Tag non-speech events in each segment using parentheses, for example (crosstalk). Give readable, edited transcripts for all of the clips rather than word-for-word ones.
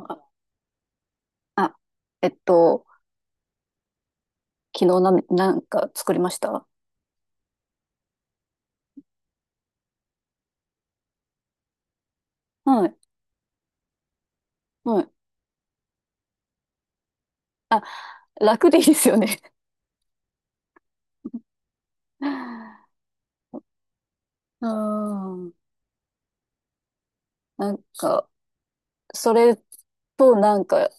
あ、あ、えっと、昨日なんか作りました。はい。はい。あ、楽でいいですよね。(laughs) うん。なんか、それとなんか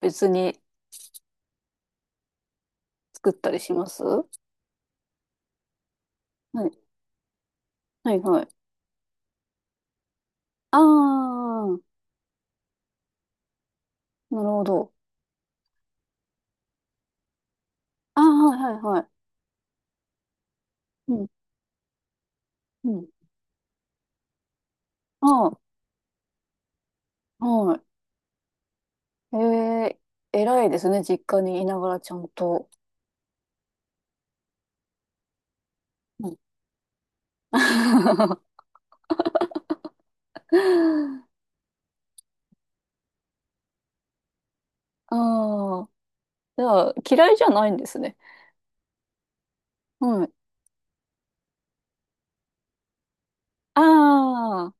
別に作ったりします。はい。はいはい。ああ、なるほど。ああ、はいはいはい。うん、うん。ああ、はい。ええ偉いですね。実家にいながらちゃんと。うん。(laughs) ああ、じゃあ、嫌いじゃないんですね。はい。ああ、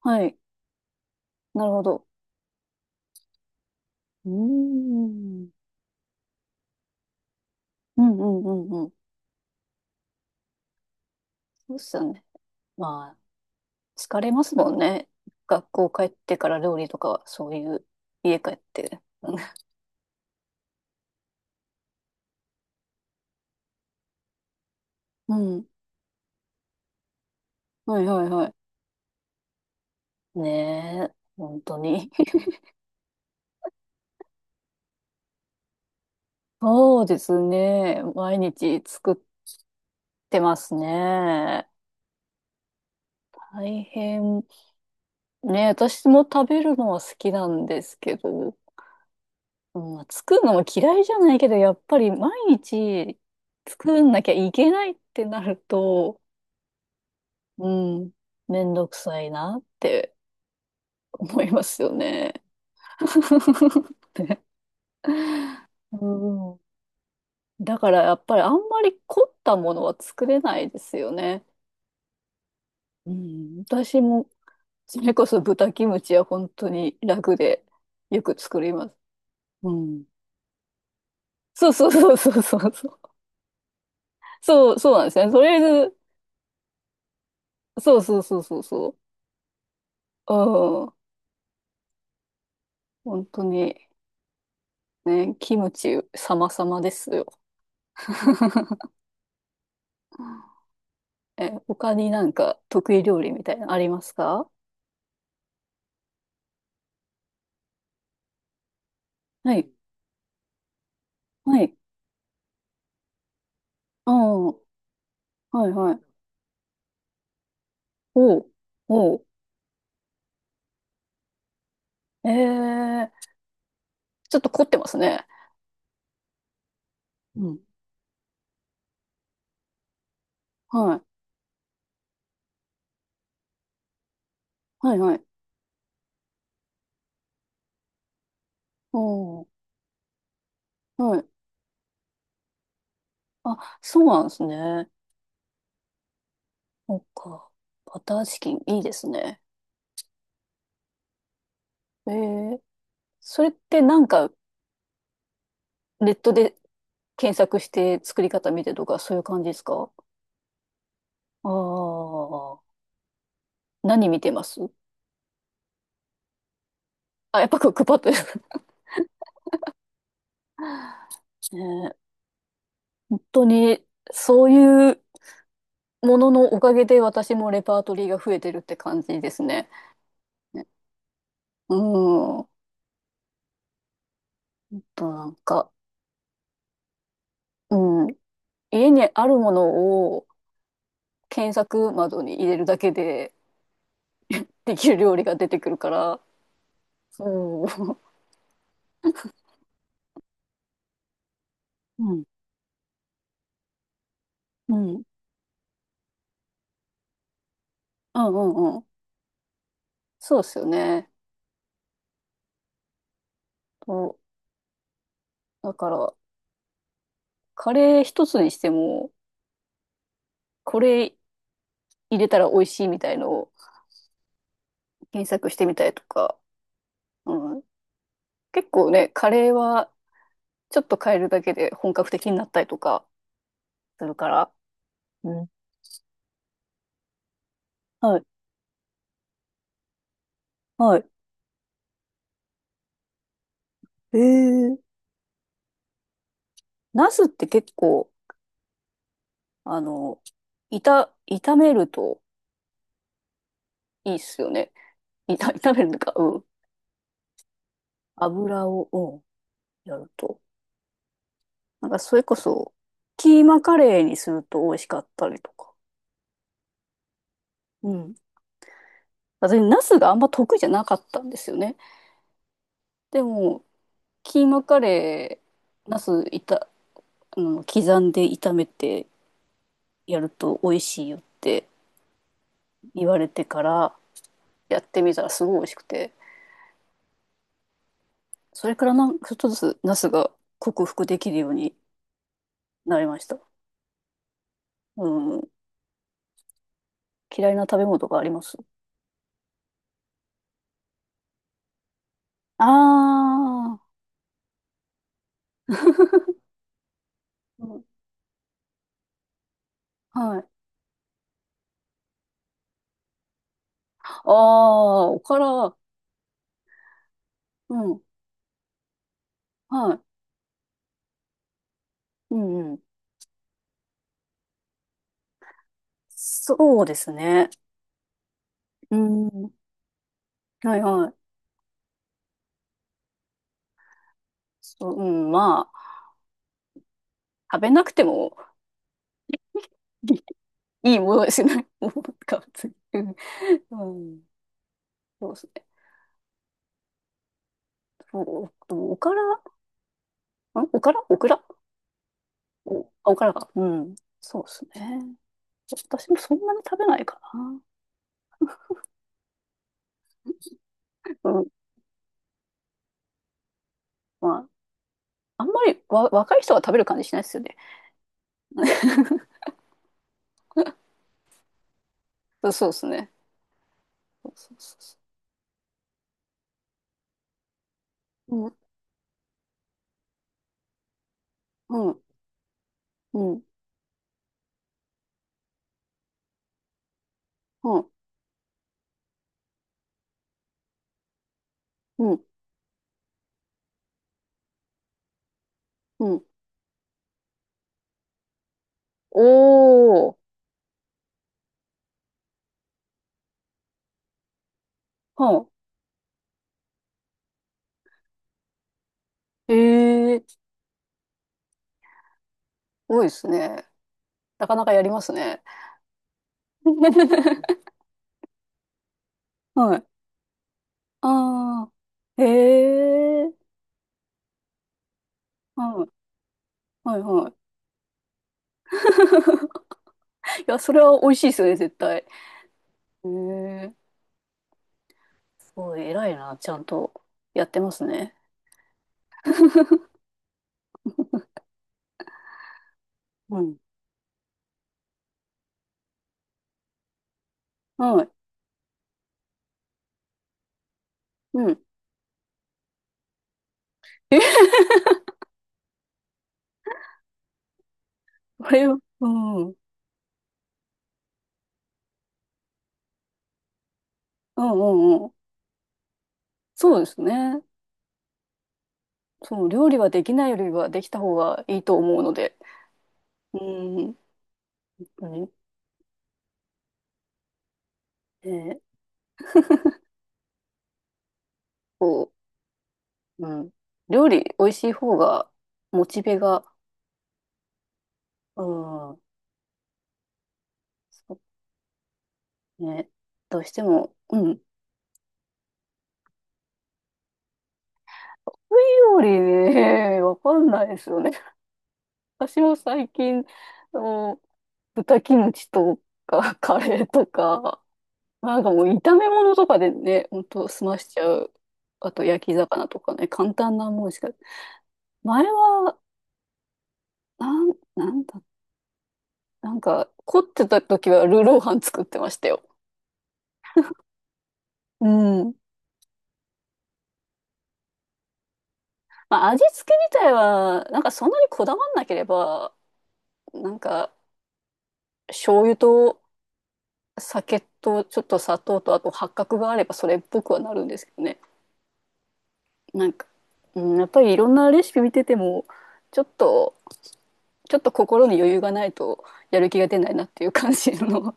はい。なるほど。うーん。うんうんうんうん。そうっすよね。まあ、疲れますもんね。学校帰ってから料理とかは、そういう、家帰って。(laughs) うん。はいはいはい。ねえ、本当に。(laughs) そうですね。毎日作ってますね。大変。ねえ、私も食べるのは好きなんですけど、うん、作るのも嫌いじゃないけど、やっぱり毎日作んなきゃいけないってなると、うん、めんどくさいなって思いますよね。(laughs) ね。うん、だからやっぱりあんまり凝ったものは作れないですよね。うん、私もそれこそ豚キムチは本当に楽でよく作ります。うん、そうそうそうそうそうそう。そうそうなんですね。とりあえず、そうそうそうそうそう。本当に、ね、キムチ様々ですよ。(laughs) え、他になんか得意料理みたいなのありますか？はい。はい。ああ、はいはい。おう、おう。ええちょっと凝ってますね。うん。はい。はいはい。おう、はい。あ、そうなんですね。そっか。バターチキン、いいですね。ええそれってなんかネットで検索して作り方見てとかそういう感じですか？ああー。何見てます？あ、やっぱクックパッドです。(laughs) ねえ本当に、そういうもののおかげで私もレパートリーが増えてるって感じですね。ね。うん。あとなんか、うん。家にあるものを検索窓に入れるだけでできる料理が出てくるから、そう。(laughs) うん。うん。うんうんうん。そうですよね。とだから、カレー一つにしても、これ入れたら美味しいみたいのを検索してみたりとか、うん結構ね、カレーはちょっと変えるだけで本格的になったりとかするから。うん。はい。はい。えー、ナスって結構、あの、炒めるといいっすよね。(laughs) 炒めるのか、うん。油を、うん、やると。なんかそれこそ、キーマカレーにすると美味しかったりとか。うん。私、ナスがあんま得意じゃなかったんですよね。でも、キーマカレー、ナスいた、あの、刻んで炒めて、やると美味しいよって言われてからやってみたらすごい美味しくて、それからなんかちょっとずつナスが克服できるようになりました。うん。嫌いな食べ物とかあります？ああー、うんはい。ああ、おから、うん、はい。うんうん。そうですね。うん。はいはい。そう、うん、まあ、食べなくても (laughs) いいものですね。(laughs) もう、か、別にうん。そうですね。そう、でもおからんオクラオクラお、あオクラが。うん。そうですね。私もそんなに食べないかな。うん。まあ、あんまりわ、若い人が食べる感じしないですよね。そうそうですね。そうそうそうそう。うん、うん、うん、うん、うん。おー、はん。ええ多いですね。なかなかやりますね。(laughs) はい。ああ、へえ、はい、はい、はい。いや、それは美味しいですよね、絶対。へえおい、偉いな。ちゃんとやってますね。うん。はい。うん。(laughs) これは、うん。うんうんうん。そうですね。そう、料理はできないよりはできた方がいいと思うので。うん。うんえーこう、うん。料理美味しい方が、モチベが、うん。そうね。どうしても、うん。料理ね、(laughs) わかんないですよね。私も最近、あの、豚キムチとか、カレーとか、なんかもう炒め物とかでね、ほんと済ましちゃう。あと焼き魚とかね、簡単なもんしか。前は、なんだ、なんか凝ってた時はルーロー飯作ってましたよ。うん。まあ味付け自体は、なんかそんなにこだわんなければ、なんか醤油と酒とちょっと砂糖とあと八角があればそれっぽくはなるんですけどね。なんか、うん、やっぱりいろんなレシピ見てても、ちょっとちょっと心に余裕がないとやる気が出ないなっていう感じの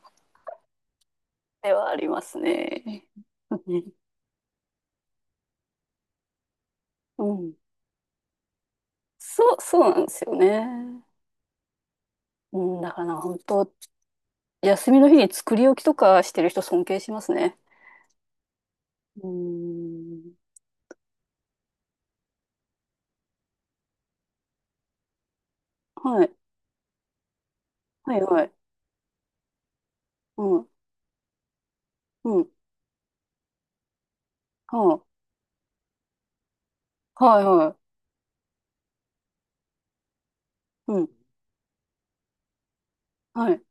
(laughs) ではありますね。うん。そう、そうなんですよね。うん、だから本当、休みの日に作り置きとかしてる人尊敬しますね。うん。はい。はいはい。うん。うん。はあ、はいはい。うん。はい。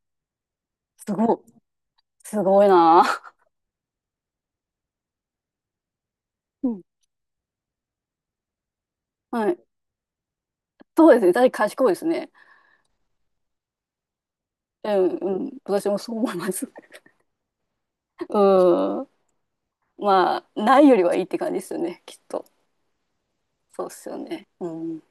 すごい。すごいな。うん。はい。そうですね。大体賢いですね。うん、うん。私もそう思います。(laughs) うん。まあ、ないよりはいいって感じですよね、きっと。そうっすよね。うん。